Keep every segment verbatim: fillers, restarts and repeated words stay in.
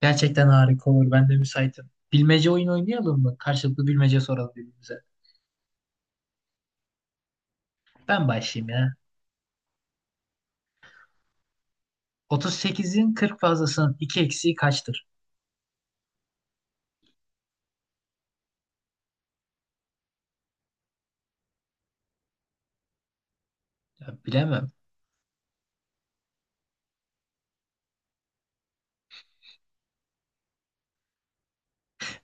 Gerçekten harika olur. Ben de müsaitim. Bilmece oyun oynayalım mı? Karşılıklı bilmece soralım birbirimize. Ben başlayayım ya. otuz sekizin kırk fazlasının iki eksiği kaçtır? Ya bilemem.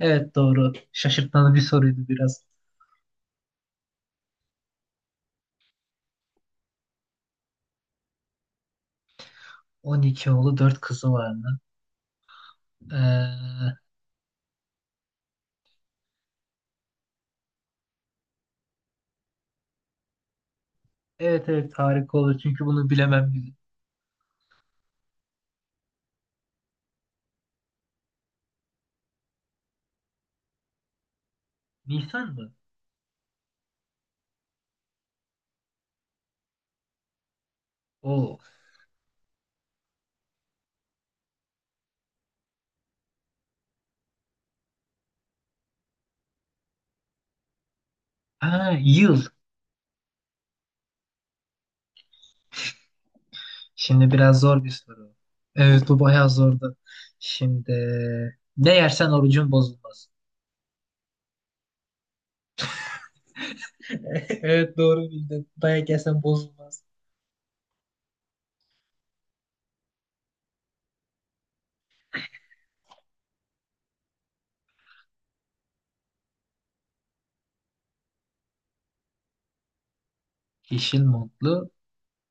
Evet doğru. Şaşırtmalı bir soruydu biraz. on iki oğlu dört kızı var mı? Ee, evet evet harika olur. Çünkü bunu bilemem. Gibi. Nisan mı? Oo. Ha, yıl. Şimdi biraz zor bir soru. Evet bu bayağı zordu. Şimdi ne yersen orucun bozulmaz. Evet doğru bildin. Dayak yesen bozulmaz. Yeşil montlu,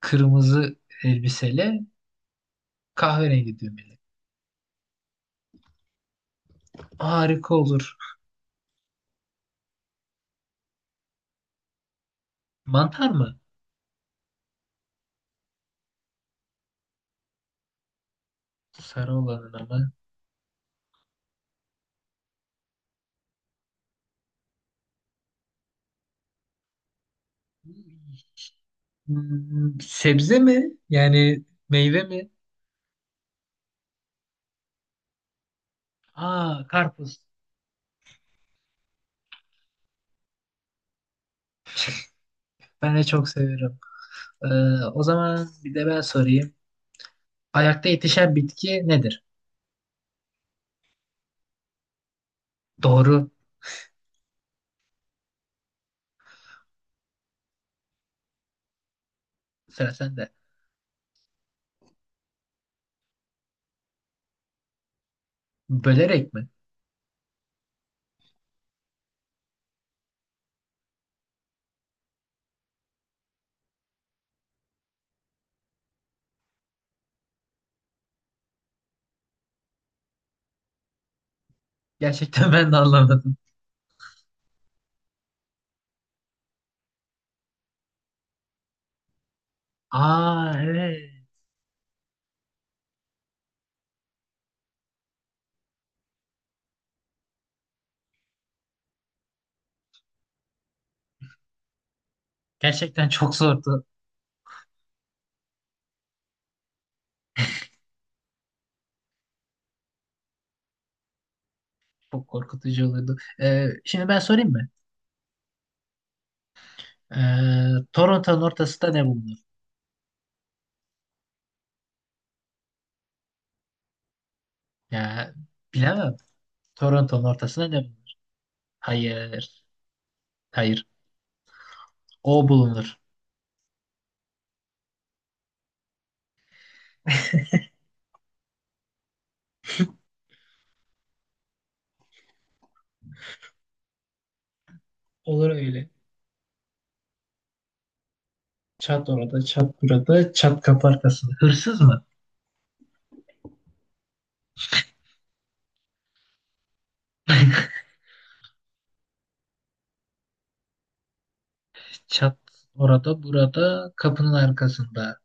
kırmızı elbiseli, kahverengi düğmeli. Harika olur. Mantar mı? Sarı olanın ama. Hmm, sebze mi? Yani meyve mi? Aa karpuz. Ben de çok severim. Ee, o zaman bir de ben sorayım. Ayakta yetişen bitki nedir? Doğru. Sıra sende. Bölerek mi? Gerçekten ben de anlamadım. Aa evet. Gerçekten çok zordu. Çok korkutucu olurdu. Ee, şimdi ben sorayım mı? Ee, Toronto'nun ortasında ne bulunur? Ya bilemem. Toronto'nun ortasında ne bulunur? Hayır. Hayır. O bulunur. Olur öyle. Çat orada, çat burada, çat kapı arkasında. Hırsız mı? Çat orada, burada, kapının arkasında.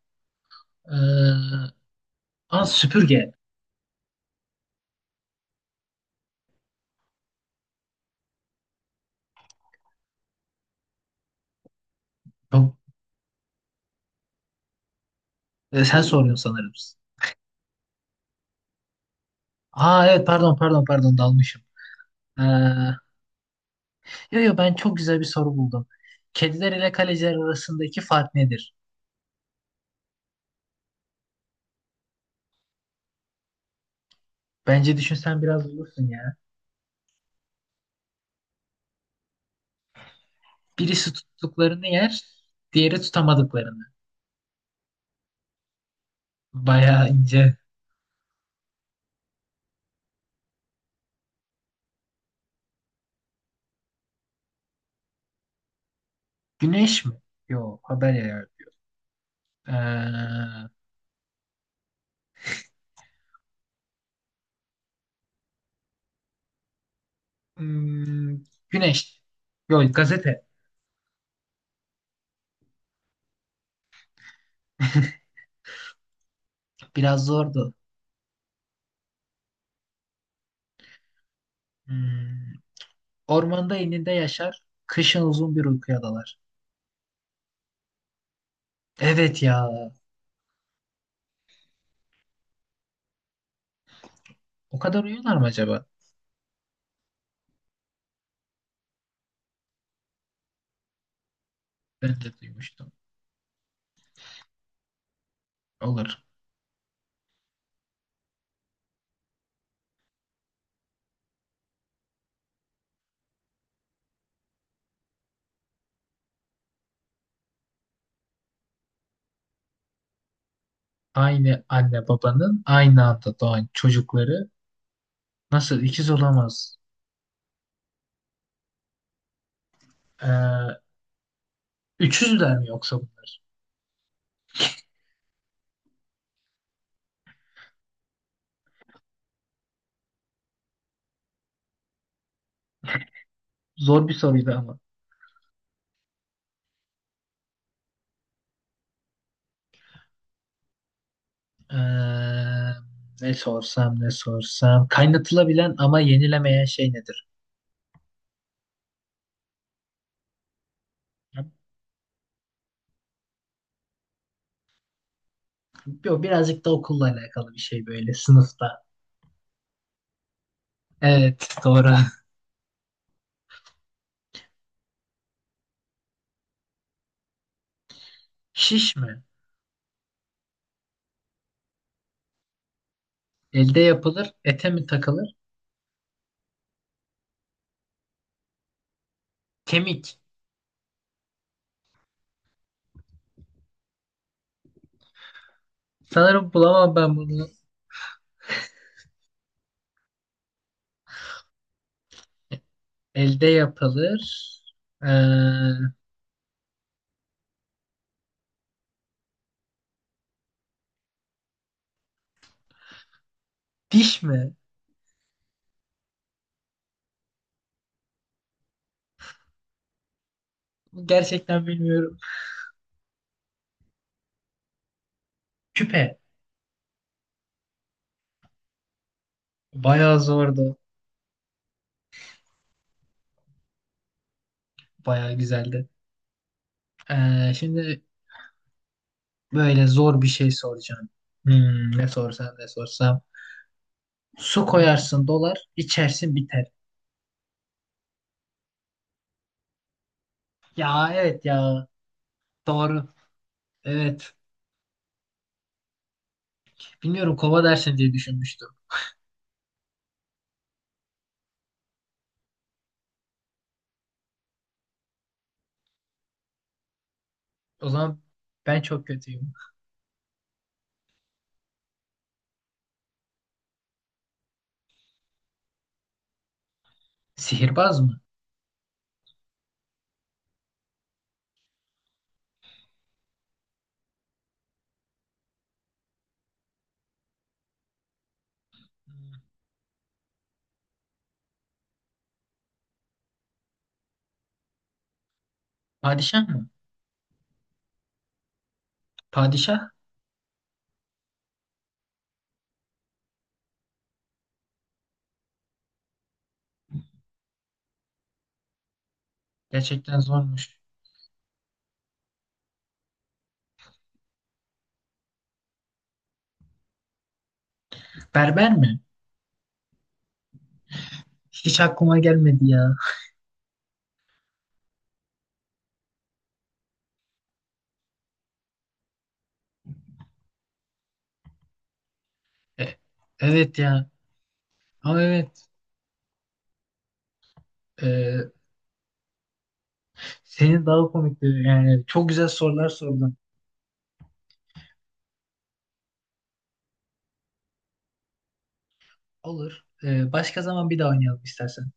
Ee, aa, süpürge. Çok- Ee, sen soruyorsun sanırım. Aa evet, pardon, pardon, pardon, dalmışım. Ee, Yo yo, ben çok güzel bir soru buldum. Kediler ile kaleciler arasındaki fark nedir? Bence düşünsen biraz bulursun ya. Birisi tuttuklarını yer, diğeri tutamadıklarını. Bayağı ince. Güneş mi? Yo, haber ya. Ee, hmm, güneş. Yo, gazete. Biraz zordu. Hmm, ormanda ininde yaşar, kışın uzun bir uykuya dalar. Evet ya. O kadar uyuyorlar mı acaba? Ben de duymuştum. Olur. Aynı anne babanın aynı anda doğan çocukları nasıl ikiz olamaz? Ee, üçüzler mi yoksa bunlar? Zor bir soruydu ama. Ee, ne sorsam ne sorsam. Kaynatılabilen ama yenilemeyen şey nedir? Yo, birazcık da okulla alakalı bir şey, böyle sınıfta. Evet doğru. Şiş mi? Elde yapılır, ete mi takılır? Kemik. Sanırım bulamam ben bunu. Elde yapılır. Ee, diş mi? Gerçekten bilmiyorum. Küpe bayağı zordu. Bayağı güzeldi. Ee, şimdi böyle zor bir şey soracağım. Hmm, ne sorsam ne sorsam. Su koyarsın dolar, içersin biter. Ya evet ya. Doğru. Evet. Bilmiyorum kova dersin diye düşünmüştüm. O zaman ben çok kötüyüm. Sihirbaz mı? Padişah mı? Padişah? Gerçekten zormuş. Berber mi? Hiç aklıma gelmedi ya. E, evet ya. Ama evet. Ee, Senin daha komikti. Yani çok güzel sorular sordun. Olur. Ee, başka zaman bir daha oynayalım istersen.